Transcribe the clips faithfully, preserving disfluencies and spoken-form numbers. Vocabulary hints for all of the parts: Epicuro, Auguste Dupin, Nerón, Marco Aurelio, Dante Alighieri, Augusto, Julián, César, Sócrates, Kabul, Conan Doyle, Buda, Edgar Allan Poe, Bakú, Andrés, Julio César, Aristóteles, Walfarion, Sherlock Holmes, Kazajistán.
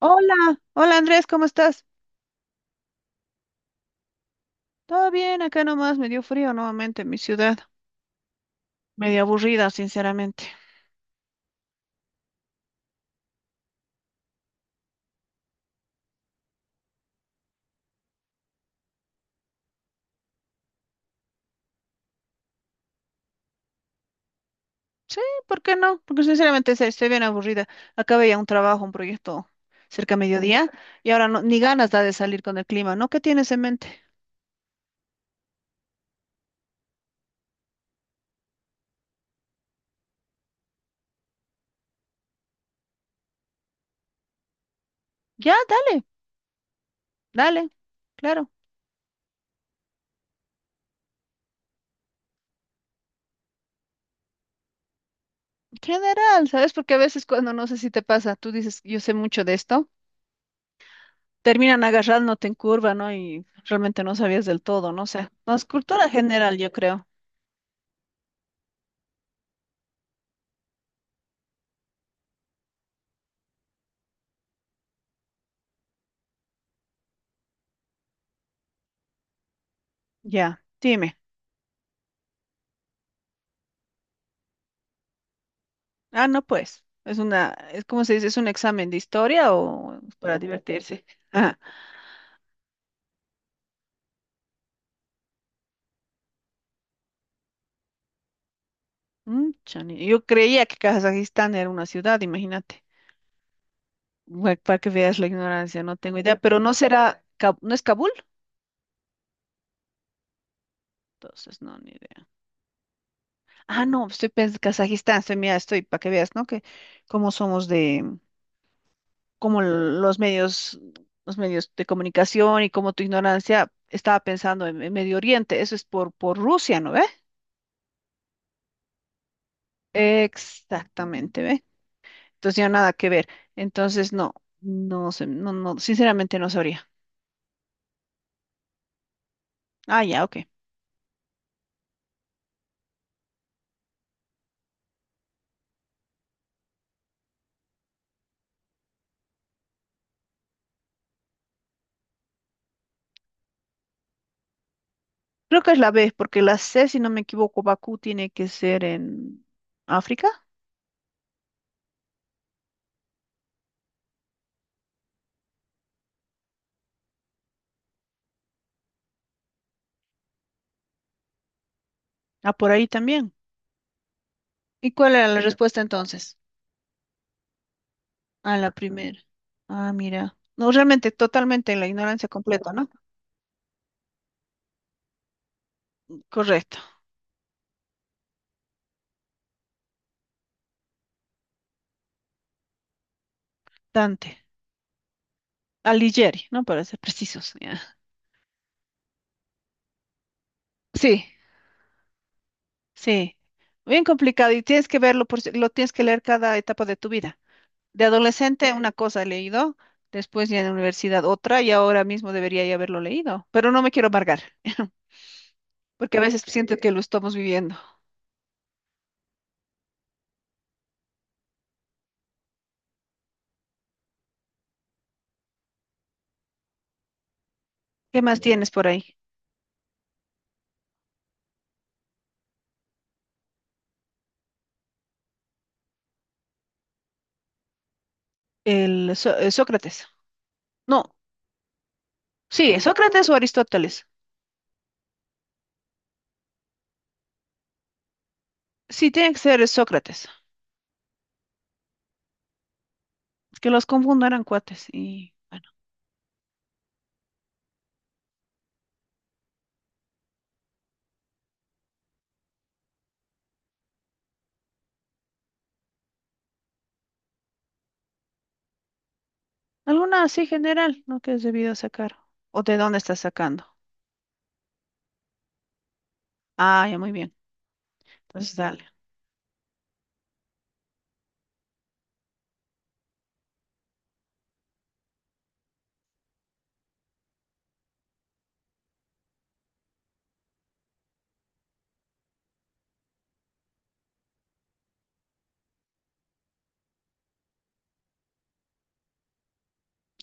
Hola, hola Andrés, ¿cómo estás? Todo bien, acá nomás me dio frío nuevamente en mi ciudad. Medio aburrida, sinceramente. Sí, ¿por qué no? Porque sinceramente sí, estoy bien aburrida. Acabé ya un trabajo, un proyecto cerca a mediodía y ahora no, ni ganas da de salir con el clima, ¿no? ¿Qué tienes en mente? Ya, dale, dale, claro. General, ¿sabes? Porque a veces cuando no sé si te pasa, tú dices, yo sé mucho de esto, terminan agarrándote en curva, ¿no? Y realmente no sabías del todo, no sé. Más cultura general, yo creo. Ya, dime. Ah, no, pues, es una, es como se dice, es un examen de historia o para divertirse. Ajá. Mm, chani. Yo creía que Kazajistán era una ciudad, imagínate. Bueno, para que veas la ignorancia, no tengo idea, pero no será, Ka- no es Kabul, entonces no, ni idea. Ah, no, estoy pensando Kazajistán, estoy, mira, estoy, para que veas, ¿no? Que cómo somos de, cómo l- los medios, los medios de comunicación y cómo tu ignorancia estaba pensando en, en Medio Oriente, eso es por, por Rusia, ¿no ve? Exactamente, ¿ve? Entonces ya nada que ver. Entonces no, no sé, no, no, sinceramente no sabría. Ah, ya, ok. Creo que es la B, porque la C, si no me equivoco, Bakú tiene que ser en África. Ah, por ahí también. ¿Y cuál era la, sí, respuesta entonces? Ah, la primera. Ah, mira. No, realmente, totalmente en la ignorancia completa, ¿no? Correcto. Dante. Alighieri, ¿no? Para ser precisos. Ya. Sí, sí. Bien complicado y tienes que verlo, por, si- lo tienes que leer cada etapa de tu vida. De adolescente una cosa he leído, después ya en la universidad otra y ahora mismo debería ya haberlo leído, pero no me quiero amargar, porque a veces siento que lo estamos viviendo. ¿Qué más tienes por ahí? El, So- eh, Sócrates. No, sí, Sócrates o Aristóteles. Sí, tiene que ser Sócrates, que los confundo, eran cuates y bueno, alguna así general, ¿no? Que es debido sacar. ¿O de dónde estás sacando? Ah, ya muy bien. Entonces dale.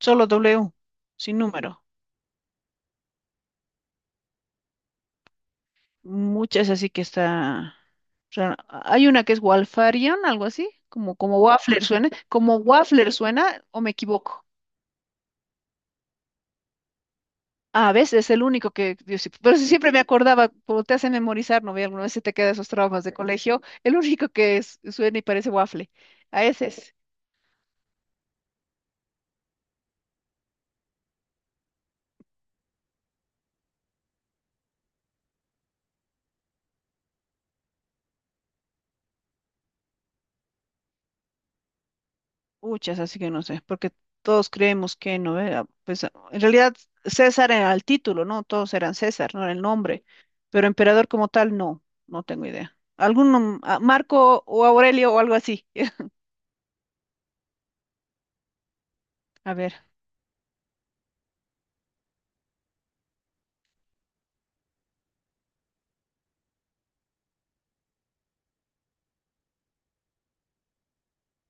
Solo W, sin número. Muchas así que está rara. Hay una que es Walfarion, algo así, como, como Waffler suena, como Waffler suena, o me equivoco. A veces es el único que, yo sí- pero sí siempre me acordaba, como te hacen memorizar, ¿no? Ve, alguna vez se te quedan esos traumas de colegio, el único que es- suena y parece waffle. A ese es. Muchas, así que no sé, porque todos creemos que no era, pues a- en realidad César era el título, ¿no? Todos eran César, no era el nombre, pero emperador como tal, no, no tengo idea. Algún nom- a- Marco o Aurelio o algo así. A ver,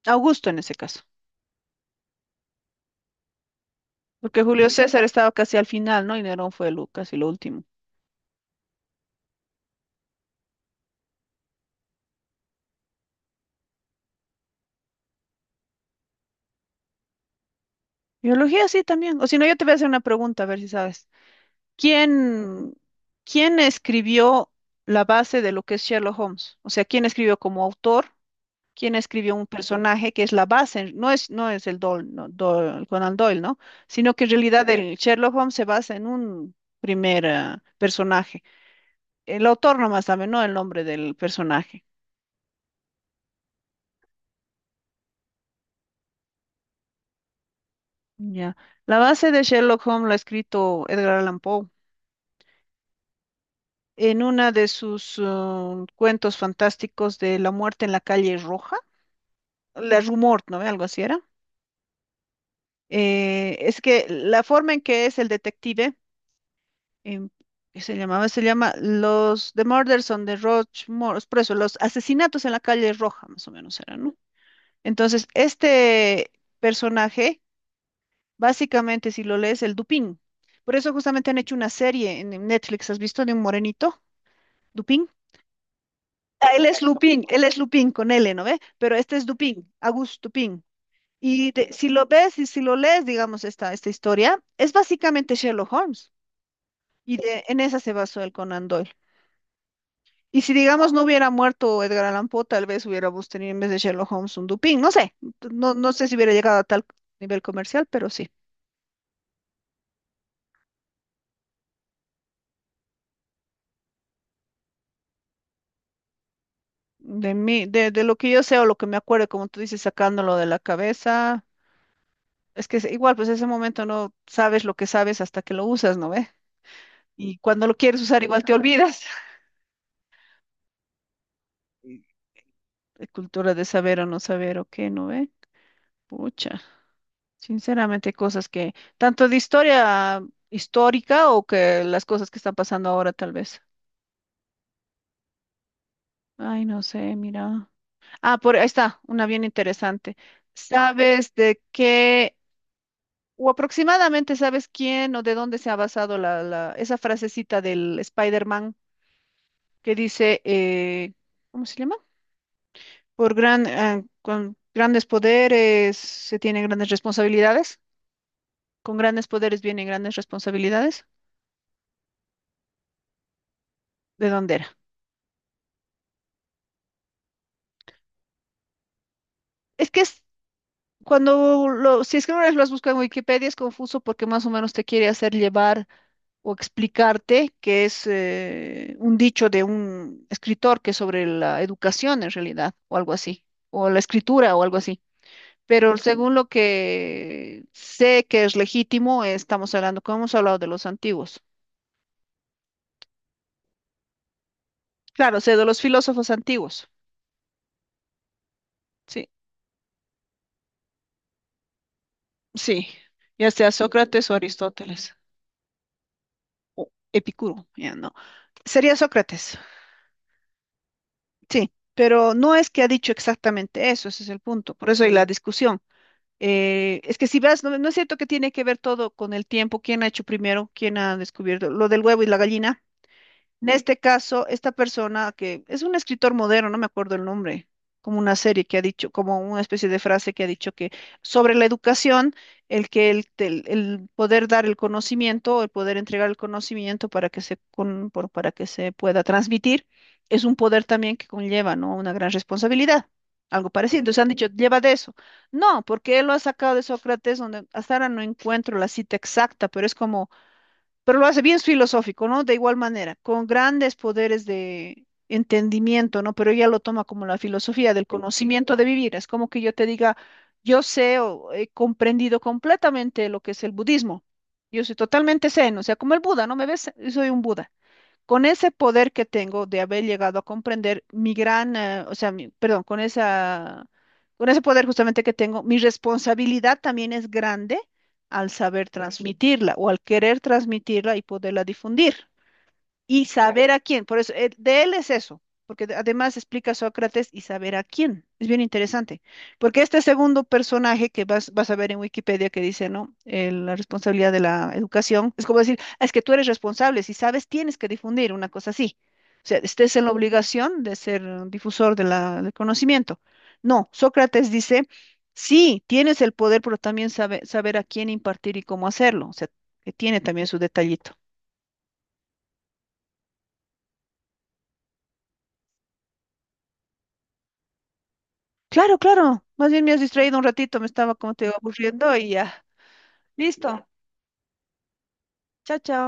Augusto en ese caso, porque Julio César estaba casi al final, ¿no? Y Nerón fue lo, casi lo último. Biología sí también, o si no, yo te voy a hacer una pregunta, a ver si sabes. ¿Quién, ¿quién escribió la base de lo que es Sherlock Holmes? O sea, ¿quién escribió como autor? Quien escribió un personaje que es la base, no es, no es el Doyle, no, Doyle- Conan Doyle, ¿no? Sino que en realidad el Sherlock Holmes se basa en un primer ah, personaje. El autor nomás sabe, no el nombre del personaje. Ya. La base de Sherlock Holmes la ha escrito Edgar Allan Poe en una de sus ah, cuentos fantásticos de La muerte en la calle Roja, La Rumor, ¿no? Ve, algo así era. Eh, es que la forma en que es el detective em, que se llamaba, se llama los The Murders on the Roch Mor- por eso, los asesinatos en la calle Roja, más o menos era, ¿no? Entonces, este personaje, básicamente, si lo lees, el Dupin. Por eso justamente han hecho una serie en en Netflix, ¿has visto? De un morenito, Dupin. Ah, él es Lupin, él es Lupin con L, ¿no ve? Pero este es Dupin, Auguste Dupin. Y de- si lo ves y si lo lees, digamos, esta, esta historia, es básicamente Sherlock Holmes. Y de, en esa se basó el Conan Doyle. Y si, digamos, no hubiera muerto Edgar Allan Poe, tal vez hubiéramos tenido en vez de Sherlock Holmes un Dupin. No sé, no, no sé si hubiera llegado a tal nivel comercial, pero sí. De mí, de, de lo que yo sé o lo que me acuerdo, como tú dices, sacándolo de la cabeza, es que es igual, pues ese momento no sabes lo que sabes hasta que lo usas, ¿no ve? Y cuando lo quieres usar, igual te olvidas. La cultura de saber o no saber o qué, ¿no ve? Pucha, sinceramente, hay cosas que, tanto de historia histórica o que las cosas que están pasando ahora, tal vez. Ay, no sé, mira. Ah, por ahí está, una bien interesante. ¿Sabes de qué, o aproximadamente sabes quién o de dónde se ha basado la, la- esa frasecita del Spider-Man que dice, eh, ¿cómo se llama? Por gran, ah, con grandes poderes se tienen grandes responsabilidades. Con grandes poderes vienen grandes responsabilidades. ¿De dónde era? Es que es, cuando lo, si es que una vez lo has buscado en Wikipedia es confuso porque más o menos te quiere hacer llevar o explicarte, que es eh, un dicho de un escritor que es sobre la educación en realidad, o algo así, o la escritura o algo así. Pero según lo que sé que es legítimo, estamos hablando, como hemos hablado de los antiguos. Claro, sé de los filósofos antiguos. Sí, sí, ya sea Sócrates o Aristóteles o Epicuro, ya no. Sería Sócrates, sí, pero no es que ha dicho exactamente eso, ese es el punto. Por eso hay la discusión. Eh, es que si vas, no, no es cierto que tiene que ver todo con el tiempo, quién ha hecho primero, quién ha descubierto lo del huevo y la gallina. En este caso, esta persona que es un escritor moderno, no me acuerdo el nombre, como una serie que ha dicho, como una especie de frase que ha dicho que sobre la educación, el que el, el- el poder dar el conocimiento, el poder entregar el conocimiento para que se, con- por- para que se pueda transmitir, es un poder también que conlleva, ¿no? Una gran responsabilidad. Algo parecido. Entonces han dicho, lleva de eso. No, porque él lo ha sacado de Sócrates, donde hasta ahora no encuentro la cita exacta, pero es como pero lo hace bien filosófico, ¿no? De igual manera, con grandes poderes de entendimiento, ¿no? Pero ella lo toma como la filosofía del conocimiento de vivir. Es como que yo te diga, yo sé o he comprendido completamente lo que es el budismo. Yo soy totalmente zen, o sea, como el Buda, ¿no? ¿Me ves? Yo soy un Buda con ese poder que tengo de haber llegado a comprender mi gran, eh, o sea, mi- perdón, con esa, con ese poder justamente que tengo, mi responsabilidad también es grande al saber transmitirla o al querer transmitirla y poderla difundir y saber a quién. Por eso, eh, de él es eso, porque de- además explica Sócrates y saber a quién. Es bien interesante, porque este segundo personaje que vas, vas a ver en Wikipedia que dice, ¿no? El- la responsabilidad de la educación, es como decir, "Ah, es que tú eres responsable, si sabes, tienes que difundir una cosa así. O sea, estés en la obligación de ser eh, difusor de la- del conocimiento. No, Sócrates dice, sí, tienes el poder, pero también sabe- saber a quién impartir y cómo hacerlo. O sea, que tiene también su detallito. Claro, claro. Más bien me has distraído un ratito, me estaba, como te digo, aburriendo y ya. Listo. Chao, chao.